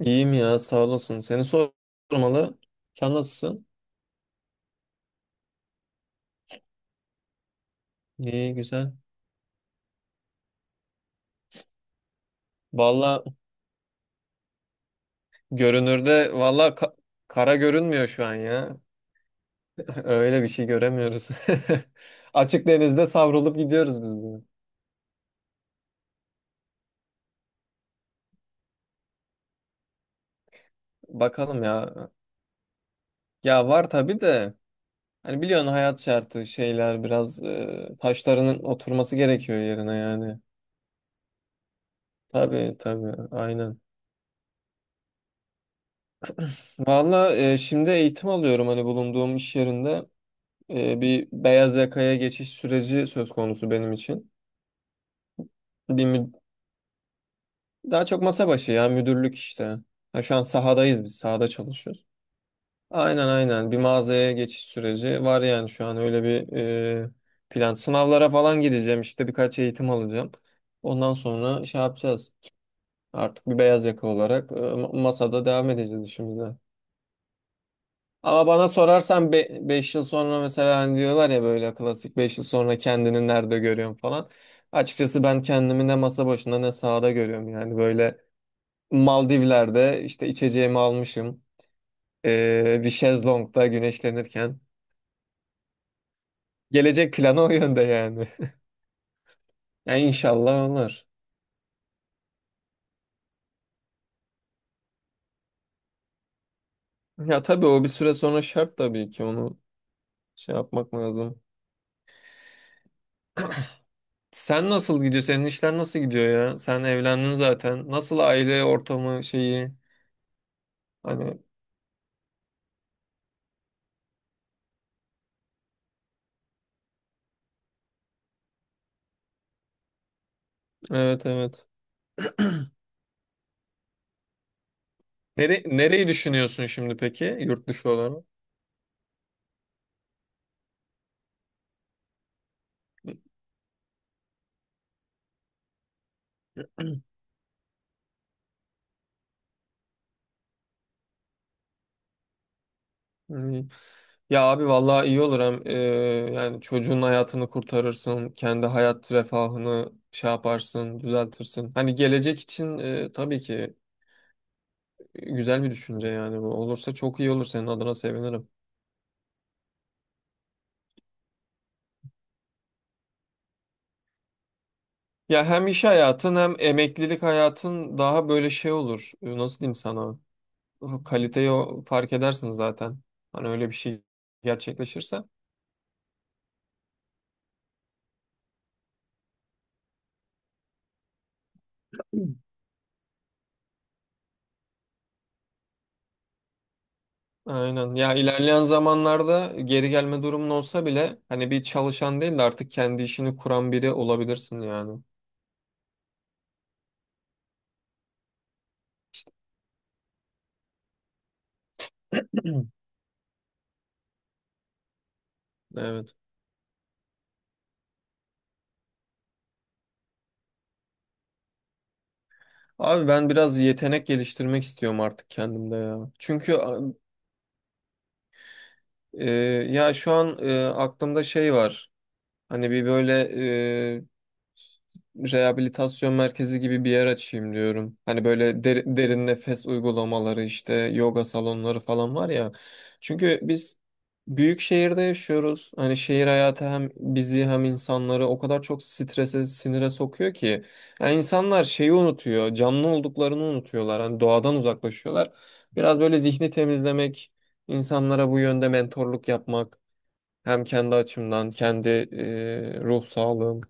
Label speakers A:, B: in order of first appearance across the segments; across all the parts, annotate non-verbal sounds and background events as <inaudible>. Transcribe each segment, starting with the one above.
A: İyiyim ya, sağ olasın. Seni sormalı. Sen nasılsın? İyi, güzel. Valla, görünürde kara görünmüyor şu an ya. <laughs> Öyle bir şey göremiyoruz. <laughs> Açık denizde savrulup gidiyoruz biz de. Bakalım ya. Ya var tabii de, hani biliyorsun hayat şartı şeyler biraz taşlarının oturması gerekiyor yerine yani. Tabii, tabii, aynen. Valla, şimdi eğitim alıyorum hani bulunduğum iş yerinde. Bir beyaz yakaya geçiş süreci söz konusu benim için. Bir mü- Daha çok masa başı ya müdürlük işte. Ha, şu an sahadayız, biz sahada çalışıyoruz. Aynen, aynen, bir mağazaya geçiş süreci var yani şu an, öyle bir plan. Sınavlara falan gireceğim, işte birkaç eğitim alacağım. Ondan sonra şey yapacağız. Artık bir beyaz yaka olarak masada devam edeceğiz işimize. Ama bana sorarsan 5 yıl sonra, mesela hani diyorlar ya böyle klasik, 5 yıl sonra kendini nerede görüyorum falan. Açıkçası ben kendimi ne masa başında ne sahada görüyorum, yani böyle Maldivler'de işte içeceğimi almışım. Bir şezlongda güneşlenirken. Gelecek planı o yönde yani. <laughs> Ya inşallah olur. Ya tabii, o bir süre sonra şart, tabii ki onu şey yapmak lazım. Sen nasıl gidiyor? Senin işler nasıl gidiyor ya? Sen evlendin zaten. Nasıl, aile ortamı şeyi? Hani. Evet, evet. Nereyi düşünüyorsun şimdi peki, yurt dışı olarak? Hmm. <clears throat> Ya abi, vallahi iyi olur. Hem yani çocuğun hayatını kurtarırsın, kendi hayat refahını şey yaparsın, düzeltirsin. Hani gelecek için tabii ki güzel bir düşünce, yani bu olursa çok iyi olur, senin adına sevinirim. Ya hem iş hayatın hem emeklilik hayatın daha böyle şey olur. Nasıl diyeyim sana? Kaliteyi fark edersin zaten. Hani öyle bir şey gerçekleşirse. Aynen. Ya ilerleyen zamanlarda geri gelme durumun olsa bile, hani bir çalışan değil de artık kendi işini kuran biri olabilirsin yani. <clears throat> Evet. Abi, ben biraz yetenek geliştirmek istiyorum artık kendimde ya. Çünkü e, ya şu an aklımda şey var. Hani bir böyle e, rehabilitasyon merkezi gibi bir yer açayım diyorum. Hani böyle derin nefes uygulamaları, işte yoga salonları falan var ya. Çünkü biz büyük şehirde yaşıyoruz. Hani şehir hayatı hem bizi hem insanları o kadar çok strese, sinire sokuyor ki. Yani insanlar şeyi unutuyor, canlı olduklarını unutuyorlar. Hani doğadan uzaklaşıyorlar. Biraz böyle zihni temizlemek, insanlara bu yönde mentorluk yapmak. Hem kendi açımdan, kendi ruh sağlığım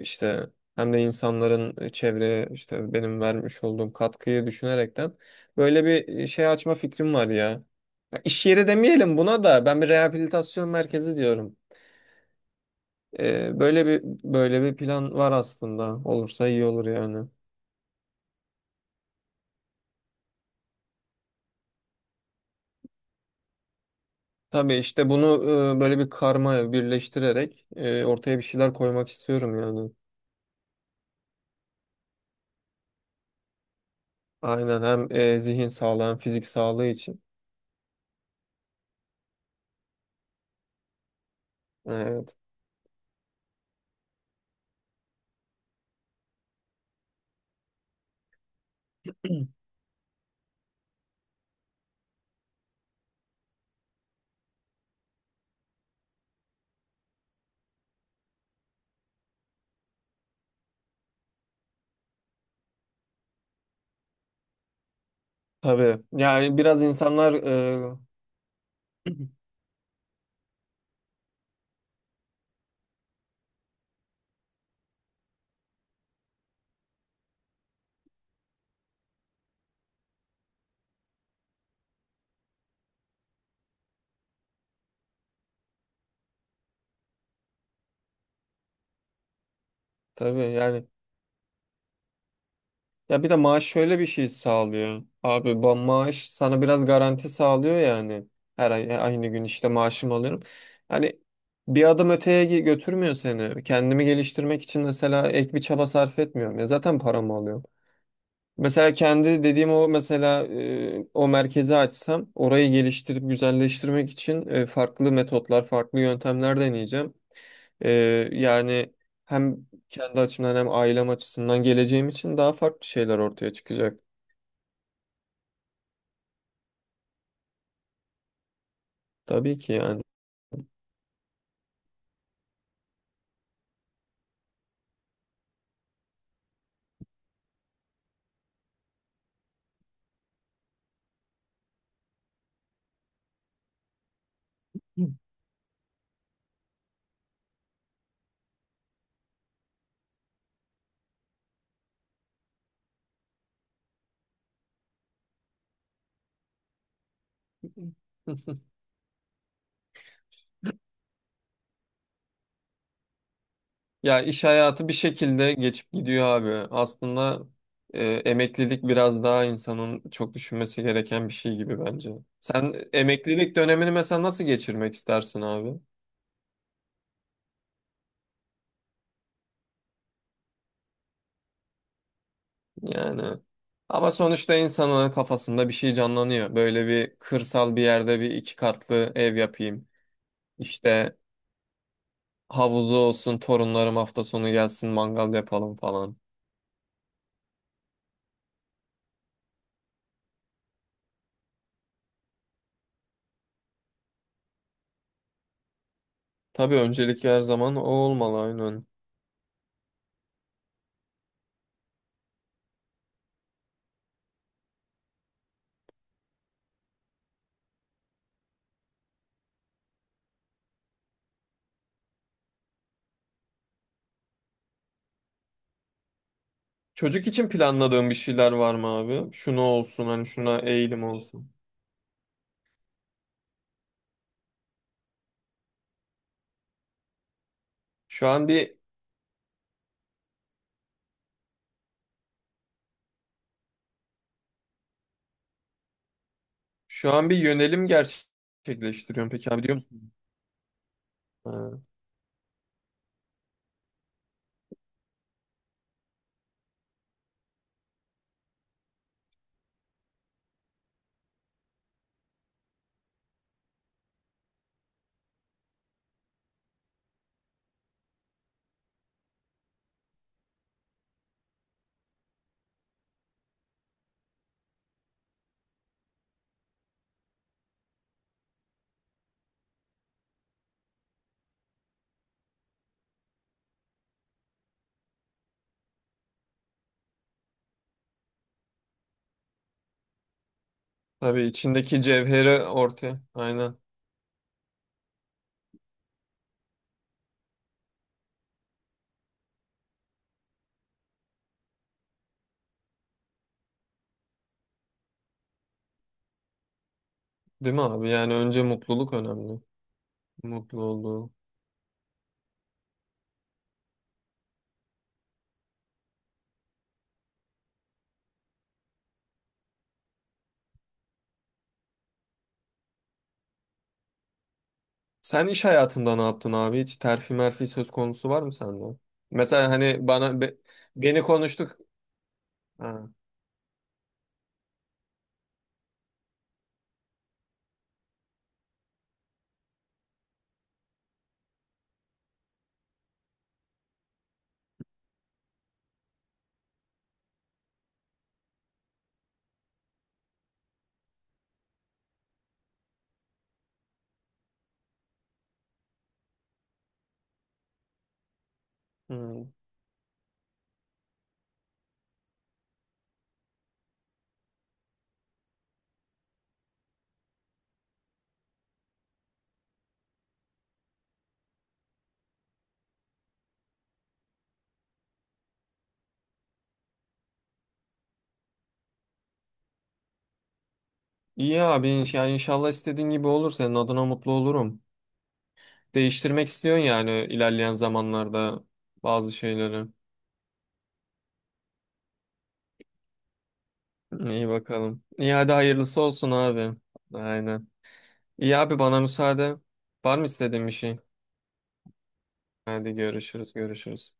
A: işte, hem de insanların çevreye işte benim vermiş olduğum katkıyı düşünerekten böyle bir şey açma fikrim var ya. Ya, İş yeri demeyelim buna, da ben bir rehabilitasyon merkezi diyorum. Böyle bir plan var aslında. Olursa iyi olur yani. Tabii, işte bunu böyle bir karma birleştirerek ortaya bir şeyler koymak istiyorum yani. Aynen, hem zihin sağlığı hem fizik sağlığı için. Evet. <clears throat> Tabii. Yani biraz insanlar <clears throat> tabii yani. Ya bir de maaş şöyle bir şey sağlıyor abi. Bu maaş sana biraz garanti sağlıyor yani. Her ay aynı gün işte maaşımı alıyorum. Hani bir adım öteye götürmüyor seni. Kendimi geliştirmek için mesela ek bir çaba sarf etmiyorum. Ya zaten paramı alıyorum. Mesela kendi dediğim o, mesela o merkezi açsam orayı geliştirip güzelleştirmek için farklı metotlar, farklı yöntemler deneyeceğim. E, Yani hem kendi açımdan hem ailem açısından geleceğim için daha farklı şeyler ortaya çıkacak. Tabii ki yani. <laughs> Ya, iş hayatı bir şekilde geçip gidiyor abi. Aslında emeklilik biraz daha insanın çok düşünmesi gereken bir şey gibi, bence. Sen emeklilik dönemini mesela nasıl geçirmek istersin abi? Yani ama sonuçta insanın kafasında bir şey canlanıyor. Böyle bir kırsal bir yerde bir iki katlı ev yapayım. İşte havuzu olsun, torunlarım hafta sonu gelsin, mangal yapalım falan. Tabii, öncelik her zaman o olmalı, aynen. Çocuk için planladığın bir şeyler var mı abi? Şunu olsun, hani şuna eğilim olsun. Şu an bir şu an bir yönelim gerçekleştiriyorum peki abi, diyor musun? Ha, tabii, içindeki cevheri ortaya. Aynen. Değil mi abi? Yani önce mutluluk önemli. Mutlu olduğu. Sen iş hayatında ne yaptın abi? Hiç terfi merfi söz konusu var mı sende? Mesela hani bana beni konuştuk. Ha. Hmm. İyi abi, ya inşallah istediğin gibi olur. Senin adına mutlu olurum. Değiştirmek istiyorsun yani, ilerleyen zamanlarda bazı şeyleri. İyi, bakalım. İyi, hadi hayırlısı olsun abi. Aynen. İyi abi, bana müsaade. Var mı istediğin bir şey? Hadi, görüşürüz, görüşürüz.